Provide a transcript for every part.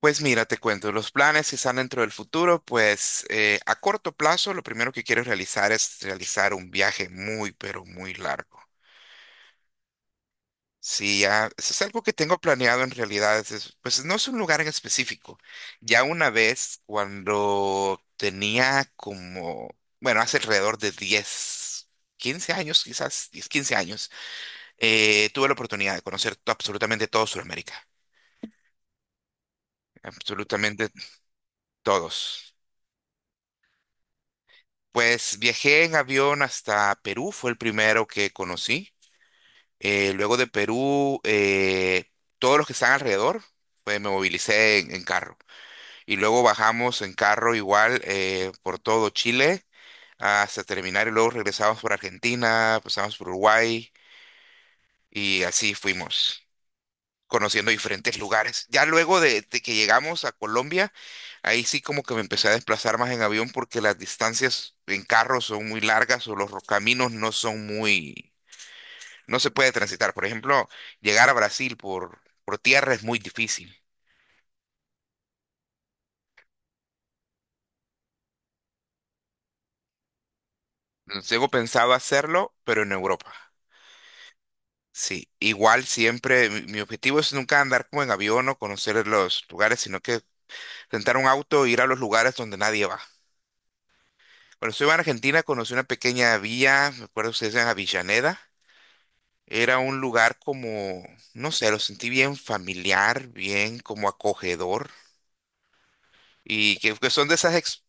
Pues mira, te cuento, los planes que están dentro del futuro, a corto plazo lo primero que quiero realizar es realizar un viaje muy, pero muy largo. Sí, ya, eso es algo que tengo planeado en realidad, pues no es un lugar en específico. Ya una vez, cuando tenía como, bueno, hace alrededor de 10, 15 años, quizás 10, 15 años. Tuve la oportunidad de conocer absolutamente todo Sudamérica, absolutamente todos. Pues viajé en avión hasta Perú, fue el primero que conocí. Luego de Perú, todos los que están alrededor, pues me movilicé en carro. Y luego bajamos en carro igual por todo Chile hasta terminar y luego regresamos por Argentina, pasamos por Uruguay y así fuimos conociendo diferentes lugares. Ya luego de que llegamos a Colombia, ahí sí como que me empecé a desplazar más en avión porque las distancias en carro son muy largas o los caminos no son muy, no se puede transitar. Por ejemplo, llegar a Brasil por tierra es muy difícil. Luego pensaba hacerlo, pero en Europa. Sí, igual siempre, mi objetivo es nunca andar como en avión o conocer los lugares, sino que rentar un auto e ir a los lugares donde nadie va. Cuando estuve en Argentina conocí una pequeña villa, me acuerdo que se llama Avellaneda. Era un lugar como, no sé, lo sentí bien familiar, bien como acogedor. Y que son de esas,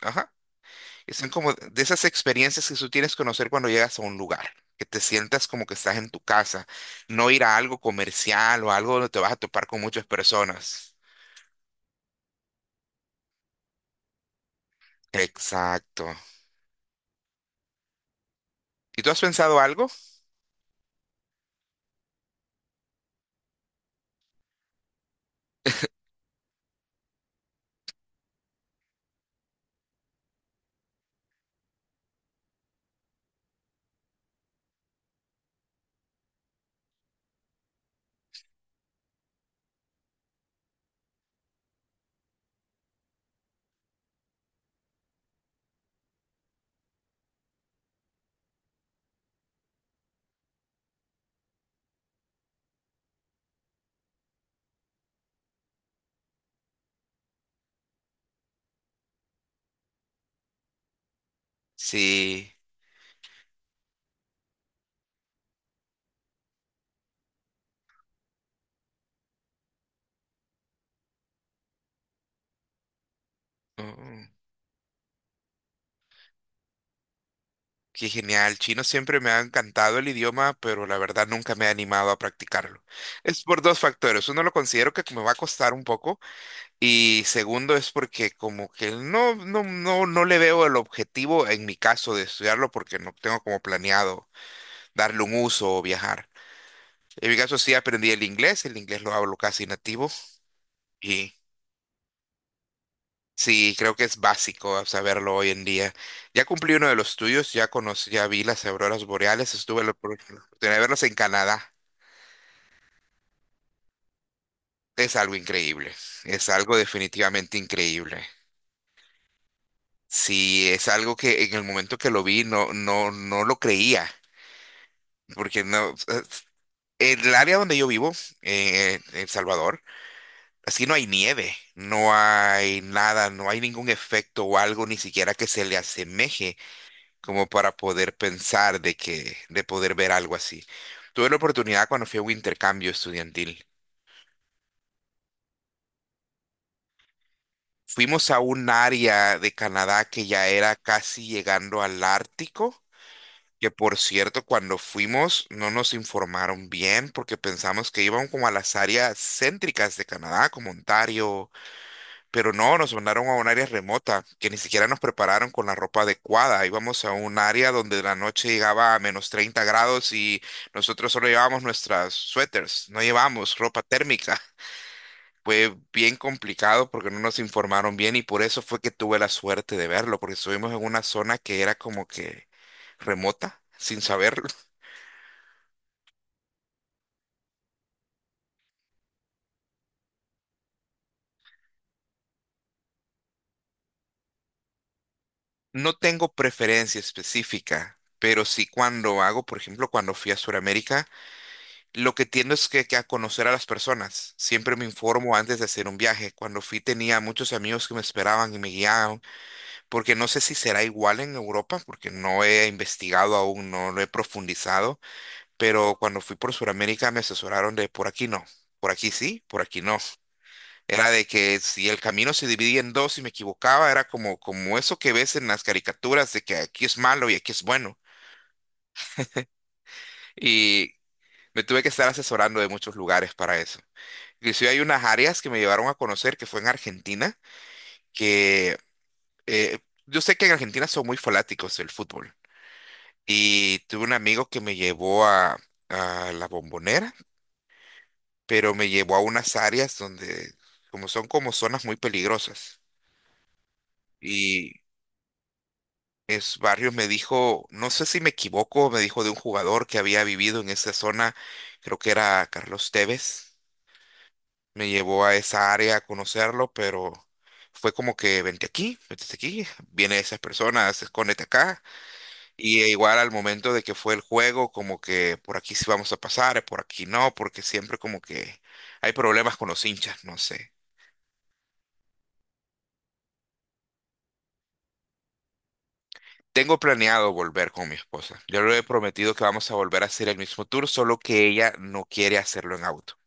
ajá, que son como de esas experiencias que tú tienes que conocer cuando llegas a un lugar. Que te sientas como que estás en tu casa. No ir a algo comercial o algo donde te vas a topar con muchas personas. Exacto. ¿Y tú has pensado algo? Sí. Mm. Qué genial. Chino siempre me ha encantado el idioma, pero la verdad nunca me he animado a practicarlo. Es por dos factores. Uno lo considero que me va a costar un poco y segundo es porque como que no le veo el objetivo en mi caso de estudiarlo porque no tengo como planeado darle un uso o viajar. En mi caso sí aprendí el inglés lo hablo casi nativo y sí, creo que es básico saberlo hoy en día. Ya cumplí uno de los tuyos, ya conocí, ya vi las auroras boreales, estuve la oportunidad de verlas en Canadá. Es algo increíble, es algo definitivamente increíble. Sí, es algo que en el momento que lo vi no lo creía, porque no, en el área donde yo vivo, en El Salvador, así no hay nieve, no hay nada, no hay ningún efecto o algo ni siquiera que se le asemeje como para poder pensar de que, de poder ver algo así. Tuve la oportunidad cuando fui a un intercambio estudiantil. Fuimos a un área de Canadá que ya era casi llegando al Ártico, que por cierto, cuando fuimos no nos informaron bien porque pensamos que iban como a las áreas céntricas de Canadá, como Ontario. Pero no, nos mandaron a un área remota, que ni siquiera nos prepararon con la ropa adecuada. Íbamos a un área donde la noche llegaba a menos 30 grados y nosotros solo llevábamos nuestras suéteres, no llevábamos ropa térmica. Fue bien complicado porque no nos informaron bien y por eso fue que tuve la suerte de verlo, porque estuvimos en una zona que era como que remota, sin saberlo. No tengo preferencia específica, pero sí cuando hago, por ejemplo, cuando fui a Sudamérica, lo que tiendo es que a conocer a las personas. Siempre me informo antes de hacer un viaje. Cuando fui tenía muchos amigos que me esperaban y me guiaban, porque no sé si será igual en Europa, porque no he investigado aún, no lo he profundizado, pero cuando fui por Sudamérica me asesoraron de por aquí no, por aquí sí, por aquí no. Era de que si el camino se dividía en dos y me equivocaba, era como, como eso que ves en las caricaturas de que aquí es malo y aquí es bueno. Y me tuve que estar asesorando de muchos lugares para eso. Inclusive hay unas áreas que me llevaron a conocer que fue en Argentina, que eh, yo sé que en Argentina son muy fanáticos del fútbol. Y tuve un amigo que me llevó a la Bombonera, pero me llevó a unas áreas donde como son como zonas muy peligrosas. Y es barrio me dijo, no sé si me equivoco, me dijo de un jugador que había vivido en esa zona, creo que era Carlos Tevez. Me llevó a esa área a conocerlo, pero fue como que vente aquí, viene esas personas, escóndete acá. Y e igual al momento de que fue el juego, como que por aquí sí vamos a pasar, por aquí no, porque siempre como que hay problemas con los hinchas, no sé. Tengo planeado volver con mi esposa. Yo le he prometido que vamos a volver a hacer el mismo tour, solo que ella no quiere hacerlo en auto.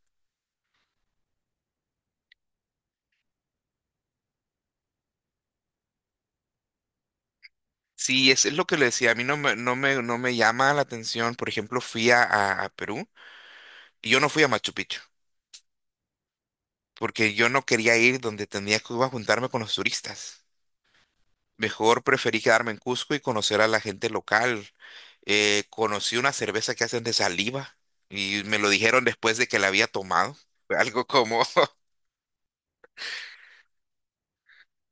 Sí, es lo que le decía, a mí no me llama la atención. Por ejemplo, fui a Perú y yo no fui a Machu Picchu, porque yo no quería ir donde tenía que iba a juntarme con los turistas. Mejor preferí quedarme en Cusco y conocer a la gente local. Conocí una cerveza que hacen de saliva y me lo dijeron después de que la había tomado. Fue algo como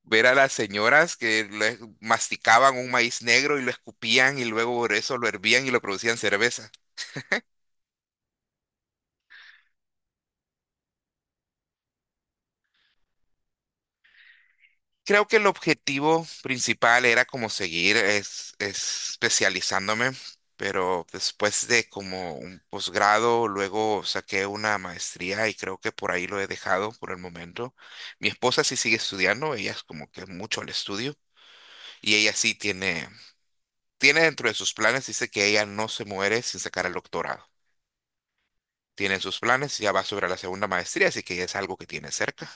ver a las señoras que masticaban un maíz negro y lo escupían y luego por eso lo hervían y lo producían cerveza. Creo que el objetivo principal era como seguir especializándome, pero después de como un posgrado, luego saqué una maestría y creo que por ahí lo he dejado por el momento. Mi esposa sí sigue estudiando, ella es como que mucho al estudio y ella sí tiene, tiene dentro de sus planes, dice que ella no se muere sin sacar el doctorado. Tiene en sus planes, ya va sobre la segunda maestría, así que ya es algo que tiene cerca.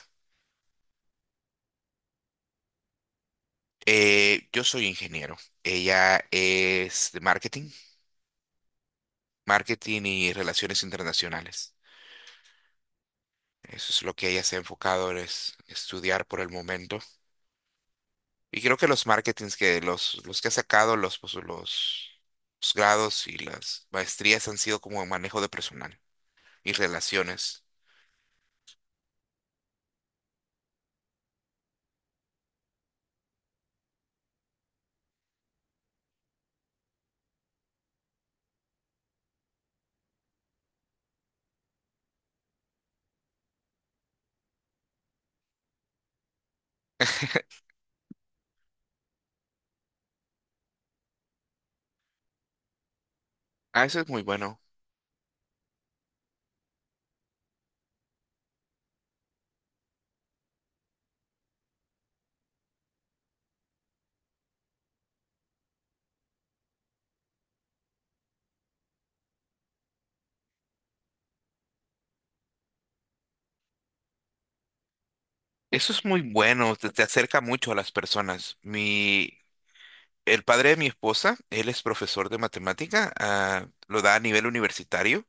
Yo soy ingeniero, ella es de marketing. Marketing y relaciones internacionales. Eso es lo que ella se ha enfocado en estudiar por el momento. Y creo que los marketings que los, que ha sacado, pues, los grados y las maestrías han sido como manejo de personal y relaciones. Ah, eso es muy bueno. Eso es muy bueno, te acerca mucho a las personas. Mi, el padre de mi esposa, él es profesor de matemática, ah, lo da a nivel universitario.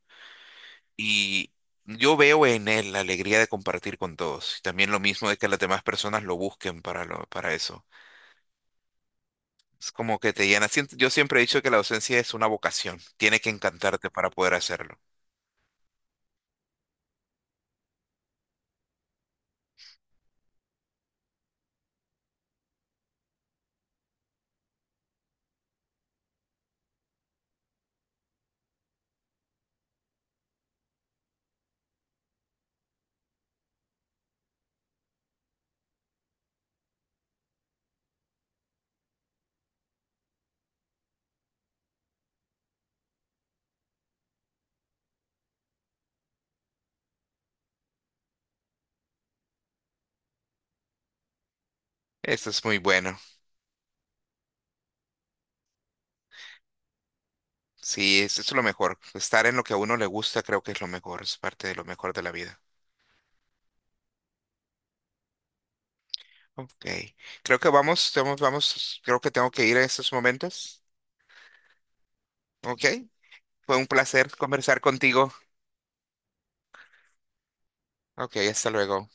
Y yo veo en él la alegría de compartir con todos. Y también lo mismo de que las demás personas lo busquen para, para eso. Es como que te llena. Siento- Yo siempre he dicho que la docencia es una vocación. Tiene que encantarte para poder hacerlo. Eso es muy bueno. Sí, es lo mejor. Estar en lo que a uno le gusta creo que es lo mejor. Es parte de lo mejor de la vida. Ok. Creo que vamos. Creo que tengo que ir en estos momentos. Ok. Fue un placer conversar contigo. Ok, hasta luego.